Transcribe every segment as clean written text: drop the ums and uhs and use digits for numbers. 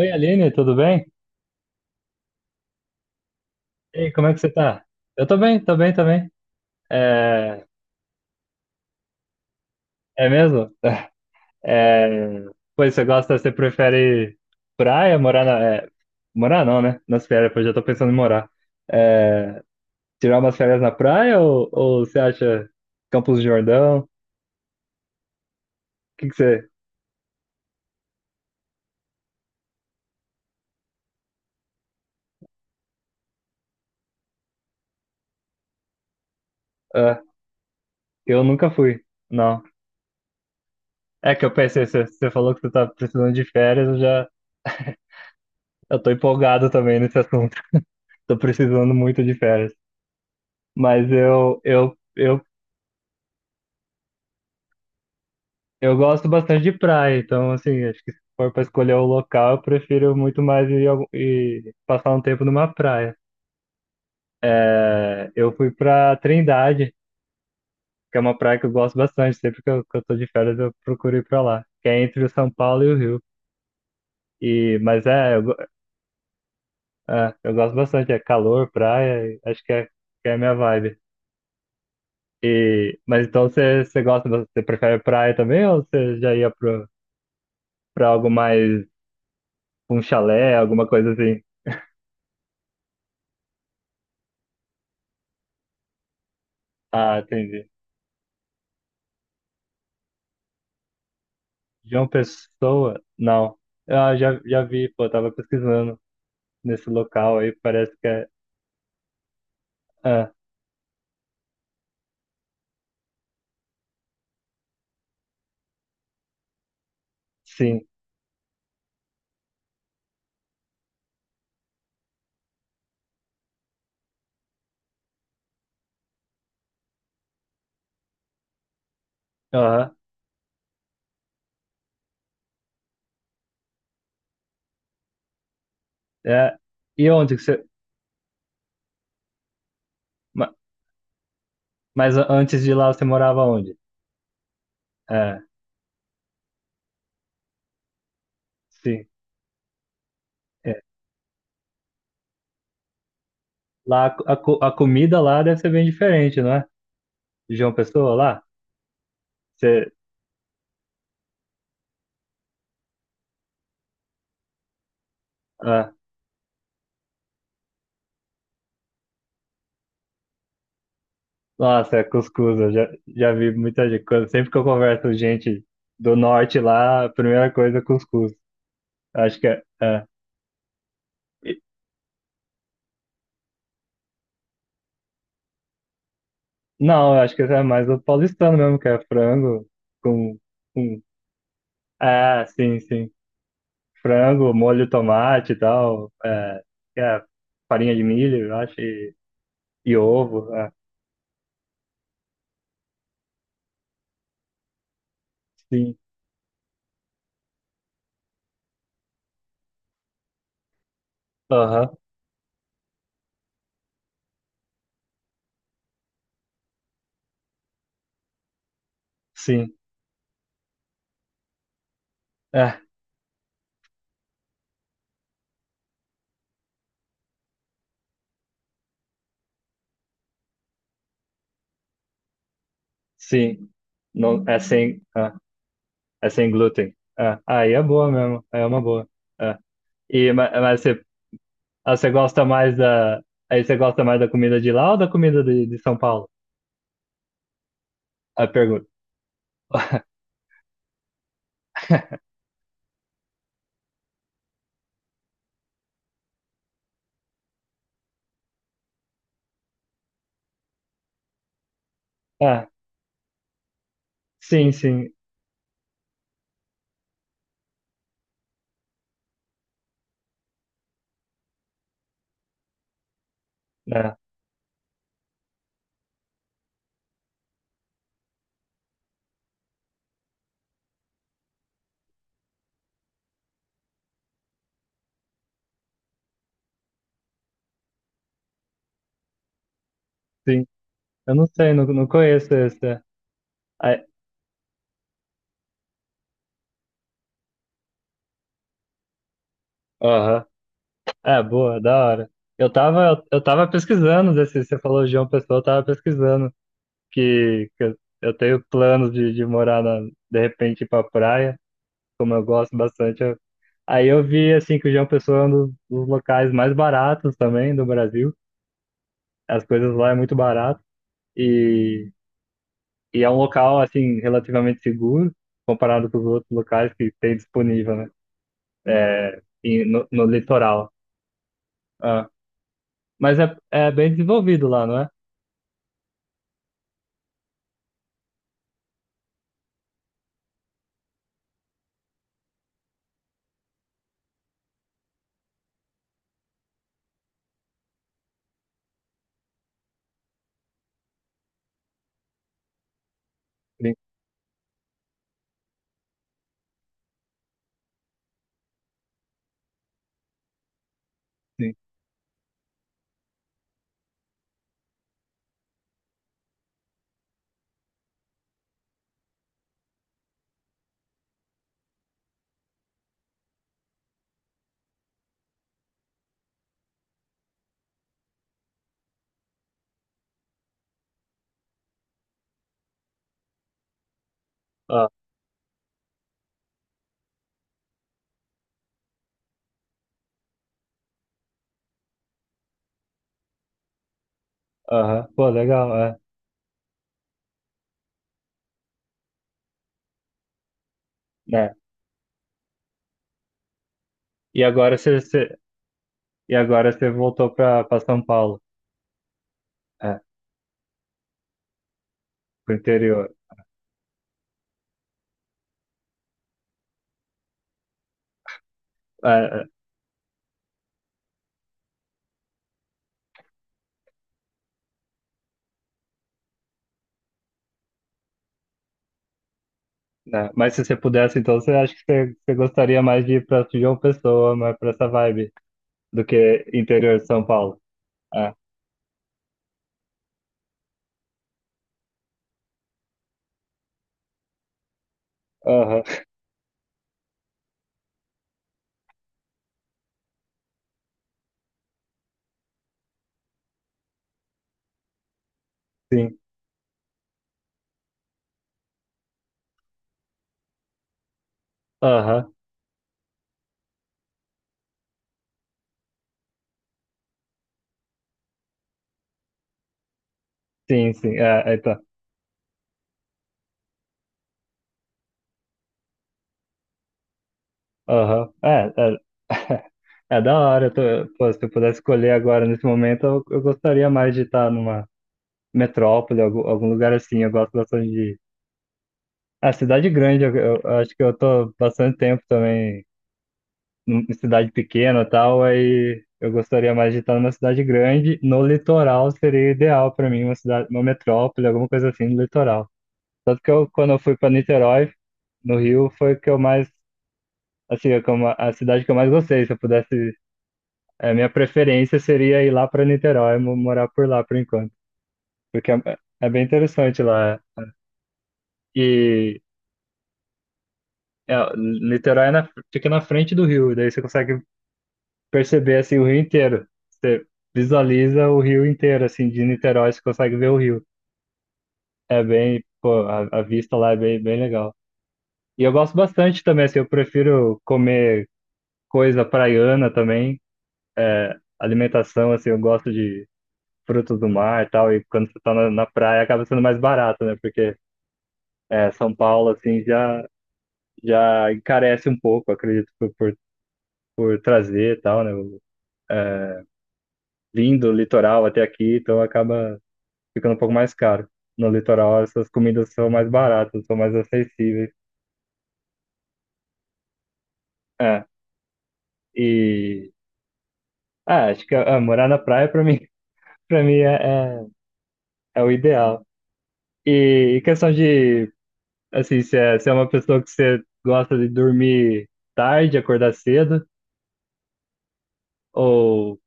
Oi, Aline, tudo bem? E aí, como é que você tá? Eu tô bem, tô bem, tô bem. É, é mesmo? É, pois você prefere praia, Morar não, né? Nas férias, pois já tô pensando em morar. É, tirar umas férias na praia ou você acha Campos do Jordão? O que que você. Ah, eu nunca fui, não. É que eu pensei, você falou que você tá precisando de férias, eu já. Eu tô empolgado também nesse assunto. Tô precisando muito de férias. Mas eu gosto bastante de praia, então, assim, acho que se for para escolher o local, eu prefiro muito mais ir, ir passar um tempo numa praia. É, eu fui para Trindade, que é uma praia que eu gosto bastante, sempre que eu tô de férias eu procuro ir para lá, que é entre o São Paulo e o Rio. E, mas é eu, go- eu gosto bastante, é calor, praia, e acho que é a minha vibe. E, mas então você gosta, você prefere praia também ou você já ia para algo mais. Um chalé, alguma coisa assim. Ah, entendi. João Pessoa? Não. Ah, já, já vi, pô, tava pesquisando nesse local aí, parece que é. Ah, sim. Aham. É. E onde que você. ma- Mas antes de lá você morava onde? É, sim. É. Lá a comida lá deve ser bem diferente, não é? De João Pessoa lá? Você. Ah, nossa, é cuscuz, eu já vi muita gente. Sempre que eu converso com gente do norte lá, a primeira coisa é cuscuz. Acho que é. Não, eu acho que esse é mais o paulistano mesmo, que é frango com, com. É, sim, sim. Frango, molho, tomate e tal. É, é, farinha de milho, eu acho, e ovo. É, sim, aham, sim. É, sim. Não, é sem, é, é sem glúten. É, aí é boa mesmo, aí é uma boa. É. E, mas você, você gosta mais da. Aí você gosta mais da comida de lá ou da comida de São Paulo? A pergunta. Ah, sim, sim. É. Sim. Eu não sei, não, não conheço esse. Aí, aham. É, boa, da hora. Eu tava pesquisando desse, você falou João Pessoa, eu tava pesquisando que eu tenho planos de morar na, de repente ir pra praia, como eu gosto bastante. Aí eu vi assim que o João Pessoa é um dos locais mais baratos também do Brasil. As coisas lá é muito barato e, e é um local assim relativamente seguro comparado com os outros locais que tem disponível, né? É, e no litoral. Ah. Mas é bem desenvolvido lá, não é? Sim, sim. Ah, aham. Pô, legal, é. Né? E agora você, você- e agora você voltou para São Paulo, é, pro interior. É, é, né? Mas se você pudesse, então você acha que você gostaria mais de ir para João Pessoa, mais para essa vibe do que interior de São Paulo? É. Aham, sim. Aham, sim, sim. É, é, então. Aham. É, é. É da hora. Pô, se eu pudesse escolher agora, nesse momento, eu gostaria mais de estar numa metrópole, algum lugar assim. Eu gosto bastante de. A cidade grande, eu acho que eu tô bastante tempo também em cidade pequena e tal, aí eu gostaria mais de estar numa cidade grande. No litoral seria ideal para mim, uma cidade, uma metrópole, alguma coisa assim no litoral. Tanto que eu, quando eu fui para Niterói, no Rio, foi que eu mais, assim, a cidade que eu mais gostei. Se eu pudesse, a minha preferência seria ir lá para Niterói, morar por lá por enquanto, porque é bem interessante lá. E É, Niterói fica na frente do rio, e daí você consegue perceber assim o rio inteiro. Você visualiza o rio inteiro, assim, de Niterói, você consegue ver o rio. É bem, pô, a vista lá é bem, bem legal. E eu gosto bastante também, assim, eu prefiro comer coisa praiana também, alimentação, assim, eu gosto de frutos do mar e tal, e quando você tá na praia acaba sendo mais barato, né? Porque São Paulo, assim, já encarece um pouco, acredito, por trazer e tal, né? É, vindo do litoral até aqui, então acaba ficando um pouco mais caro. No litoral, essas comidas são mais baratas, são mais acessíveis. É, e acho que morar na praia para mim, para mim é, é o ideal. E questão de assim, se é uma pessoa que você gosta de dormir tarde, acordar cedo, ou,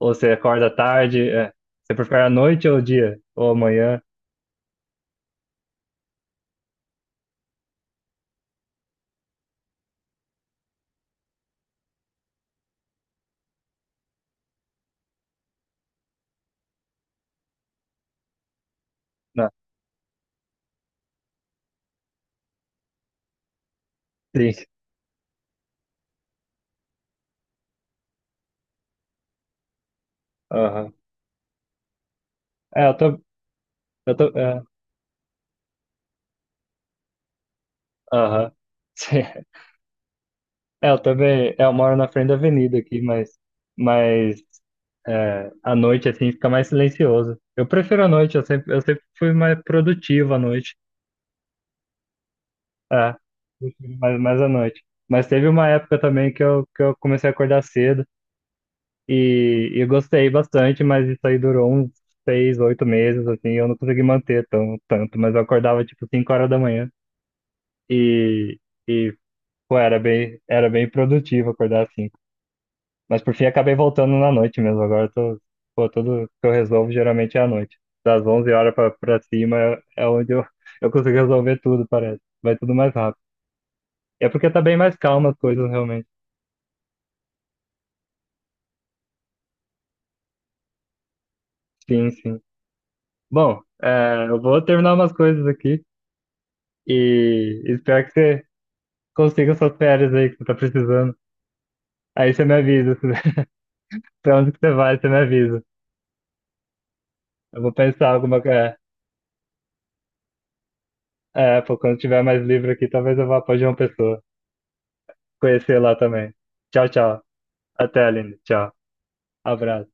ou você acorda tarde, você prefere a noite ou o dia? Ou amanhã? Não, sim. Aham. É, eu tô, é, aham. Sim. É, eu também, eu moro na frente da avenida aqui, mas à noite, assim, fica mais silencioso. Eu prefiro à noite, eu sempre fui mais produtivo à noite. É, prefiro mais à noite. Mas teve uma época também que eu comecei a acordar cedo e eu gostei bastante, mas isso aí durou uns seis, oito meses, assim, eu não consegui manter tão, tanto, mas eu acordava tipo 5 horas da manhã e, e pô, era bem produtivo acordar assim. Mas por fim acabei voltando na noite mesmo. Agora pô, tudo que eu resolvo geralmente é à noite. Das 11 horas pra cima é onde eu consigo resolver tudo, parece. Vai tudo mais rápido. É porque tá bem mais calma as coisas, realmente. Sim, sim. Bom, eu vou terminar umas coisas aqui e espero que você consiga suas férias aí que você tá precisando. Aí você me avisa. Pra onde que você vai, você me avisa. Eu vou pensar alguma. É, é, pô, quando tiver mais livre aqui, talvez eu vá pra João Pessoa. Conhecer lá também. Tchau, tchau. Até, Aline. Tchau. Abraço.